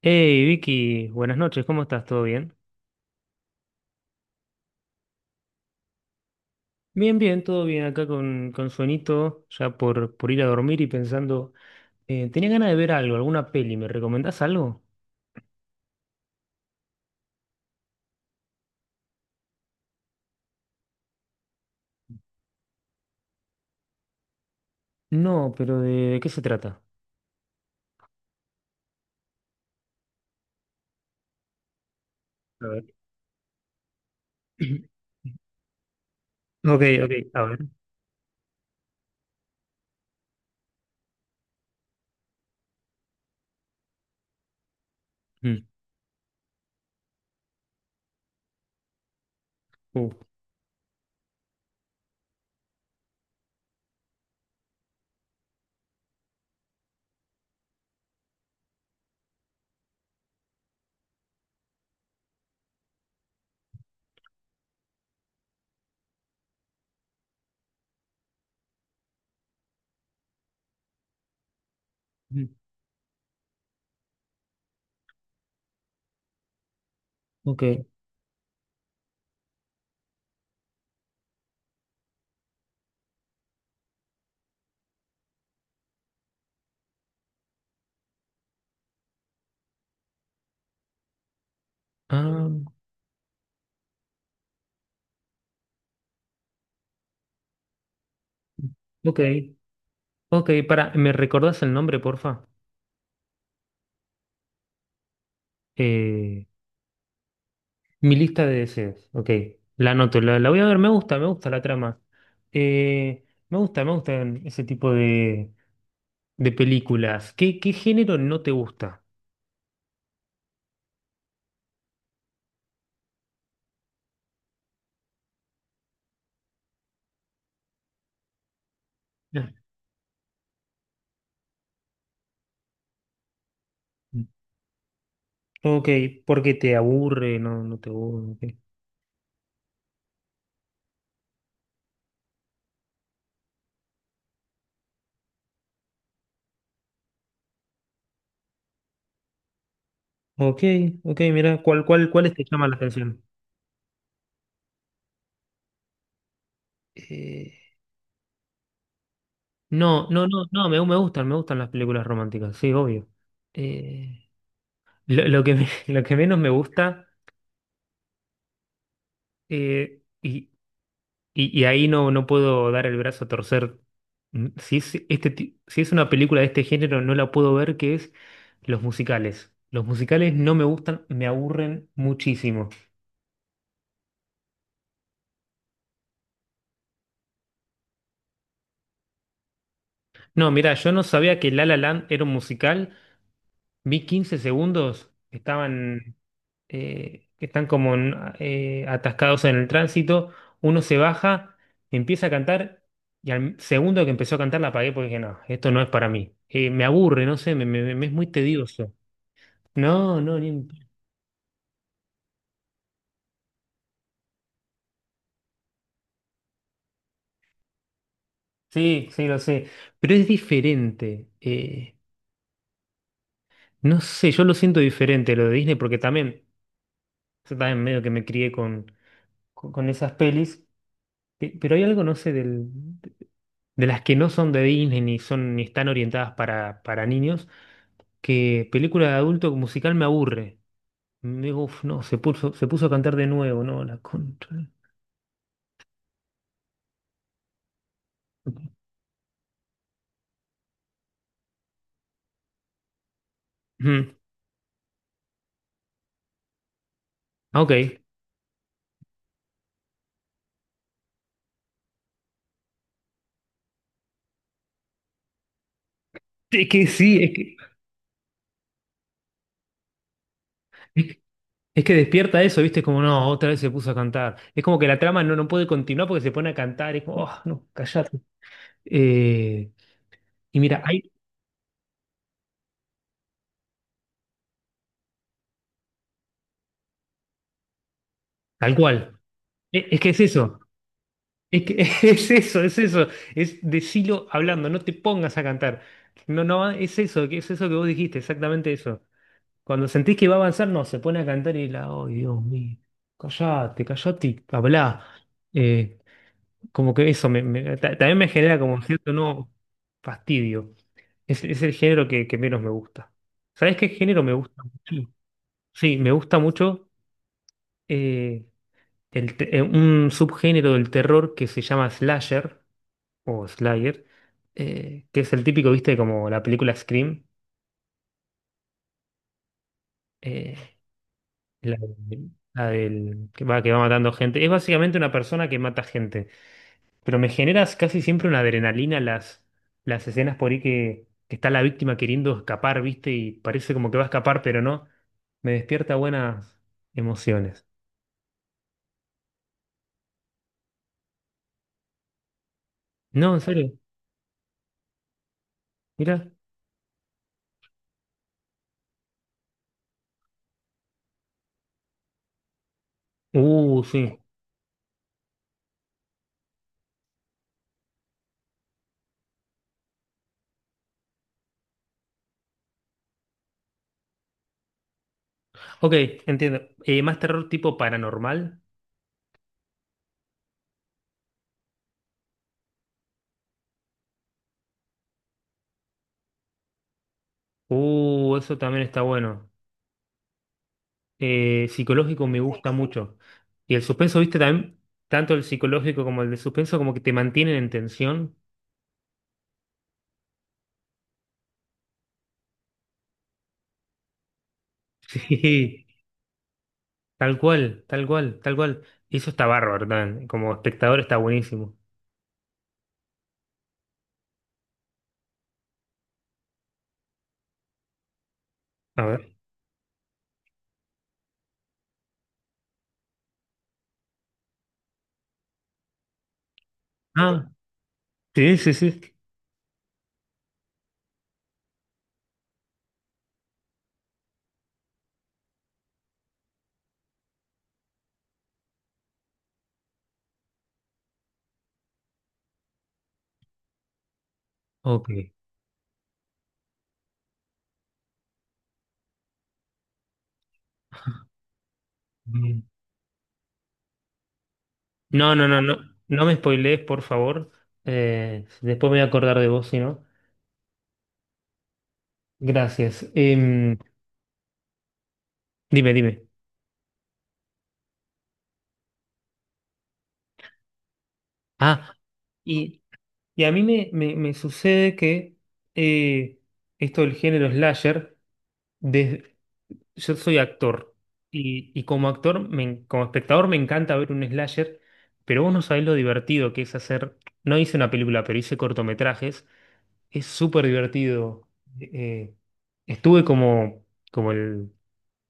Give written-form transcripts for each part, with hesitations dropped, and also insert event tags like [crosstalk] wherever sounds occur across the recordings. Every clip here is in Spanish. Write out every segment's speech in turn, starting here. Hey Vicky, buenas noches, ¿cómo estás? ¿Todo bien? Bien, bien, todo bien acá con sueñito, ya por ir a dormir y pensando, tenía ganas de ver algo, alguna peli, ¿me recomendás algo? No, pero ¿de qué se trata? A ver. [clears throat] Ok, ok, a ver. Mm, uh, mm, ok, ah, ok, ok, para, ¿me recordás el nombre, porfa? Eh, Mi lista de deseos, ok, la anoto, la voy a ver, me gusta la trama. Me gusta, me gustan ese tipo de películas. ¿Qué género no te gusta? Ah. Ok, porque te aburre, no, no te aburre. Ok, ok, ok, mira, ¿cuáles te llaman la atención? Eh, no, no, no, no, me gustan, me gustan las películas románticas, sí, obvio. Eh, [laughs] lo que menos me gusta. Eh, y, Y, y ahí no puedo dar el brazo a torcer. Mm. Si es una película de este género, no la puedo ver, que es los musicales. Los musicales no me gustan, me aburren muchísimo. No, mira, yo no sabía que La La Land era un musical. Vi 15 segundos, están como atascados en el tránsito. Uno se baja, empieza a cantar y al segundo que empezó a cantar la apagué porque dije, no, esto no es para mí. Me aburre, no sé, me es muy tedioso. No, no. ni en- Sí, sí, lo sé. Pero es diferente. No sé, yo lo siento diferente lo de Disney porque también, yo también medio que me crié con esas pelis. Pero hay algo, no sé, de las que no son de Disney ni son ni están orientadas para niños, que película de adulto musical me aburre. Me digo, "Uf, no, se puso a cantar de nuevo, no, la contra. Ujú. Ah, ok. Es que sí. Que. Es que despierta eso, ¿viste? Como, no, otra vez se puso a cantar. Es como que la trama no puede continuar porque se pone a cantar. Es como, oh, no, callate. Eh, y mira, ahí, tal cual. Es, que es eso. Es que [laughs] es eso, es eso. Es decilo hablando, no te pongas a cantar. No, no, es eso que vos dijiste, exactamente eso. Cuando sentís que va a avanzar, no, se pone a cantar y oh, Dios mío, callate, callate y hablá. Eh, como que eso también me genera como cierto, no, fastidio. Es el género que menos me gusta. ¿Sabes qué género me gusta mucho? Sí, me gusta mucho eh, un subgénero del terror que se llama slasher o slayer, que es el típico, viste, como la película Scream, eh, la del que va matando gente. Es básicamente una persona que mata gente. Pero me generas casi siempre una adrenalina las escenas por ahí que está la víctima queriendo escapar, ¿viste? Y parece como que va a escapar, pero no. Me despierta buenas emociones. No, en serio, mira. Sí. Ok, entiendo. Más terror tipo paranormal. Eso también está bueno. Psicológico me gusta mucho. Y el suspenso, ¿viste? También, tanto el psicológico como el de suspenso, como que te mantienen en tensión. [laughs] Sí, tal cual, tal cual, tal cual. Y eso está bárbaro también. Como espectador está buenísimo. A ver. Ah, sí, sí, sí. Ok. Mm. No, no, no, no. No me spoilees, por favor. Después me voy a acordar de vos, si no. Gracias. Dime, dime. Ah, y, y a mí me sucede que eh, esto del género slasher, des- yo soy actor y como actor, como espectador me encanta ver un slasher, pero vos no sabés lo divertido que es hacer, no hice una película, pero hice cortometrajes, es súper divertido. Eh, eh, estuve como el,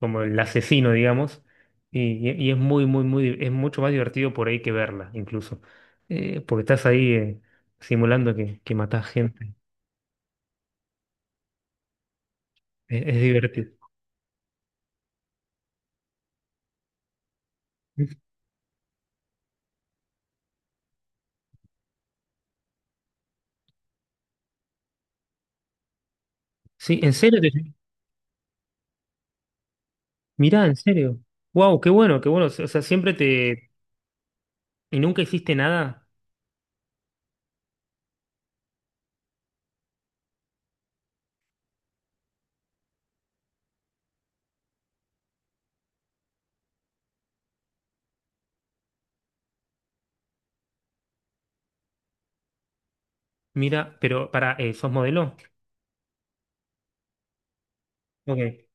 como el asesino, digamos, y es muy, muy, muy, es mucho más divertido por ahí que verla, incluso. Porque estás ahí simulando que matás gente, es divertido. Sí, en serio, mirá, en serio. Wow, qué bueno, qué bueno. O sea, siempre te. ¿Y nunca hiciste nada? Mira, pero para, ¿sos modelo? Ok,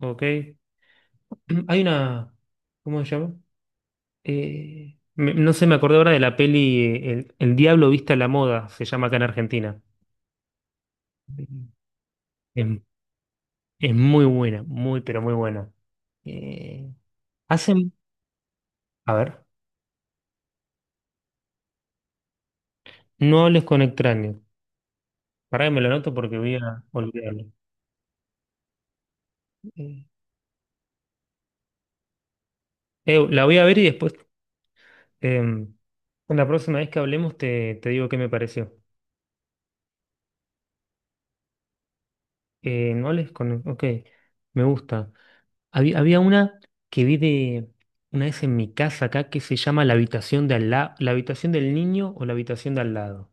ok. [clears throat] Hay una. ¿Cómo se llama? No sé, me acordé ahora de la peli El Diablo Vista a la Moda, se llama acá en Argentina. Es, es muy buena, muy, pero muy buena. Eh, hacen... A ver, no hables con extraños. Pará que me lo anoto porque voy a olvidarlo. Eh, la voy a ver y después. Em, la próxima vez que hablemos te digo qué me pareció. ¿No les con... Ok, me gusta. Había una que vi de una vez en mi casa acá que se llama La habitación de al la habitación del niño o la habitación de al lado.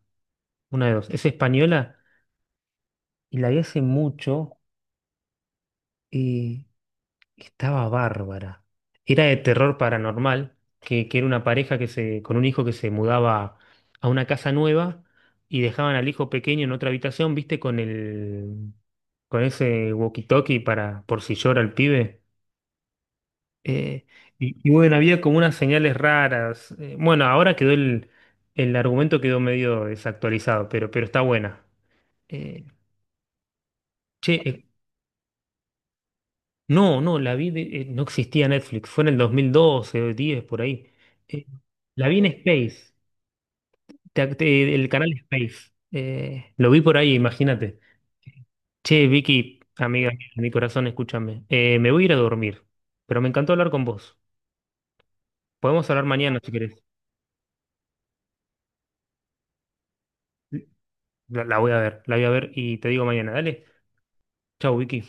Una de dos. Es española y la vi hace mucho. Y estaba bárbara. Era de terror paranormal, que era una pareja con un hijo que se mudaba a una casa nueva y dejaban al hijo pequeño en otra habitación, ¿viste? Con ese walkie-talkie por si llora el pibe. Eh, y bueno, había como unas señales raras. Bueno, ahora quedó el argumento quedó medio desactualizado, pero está buena. Eh, che, no, no, la vi, no existía Netflix, fue en el 2012, 10 por ahí. Eh, la vi en Space, el canal Space. Lo vi por ahí, imagínate. Che, Vicky, amiga, mía, de mi corazón, escúchame. Me voy a ir a dormir, pero me encantó hablar con vos. Podemos hablar mañana si querés. La voy a ver, la voy a ver y te digo mañana. Dale, chau, Vicky.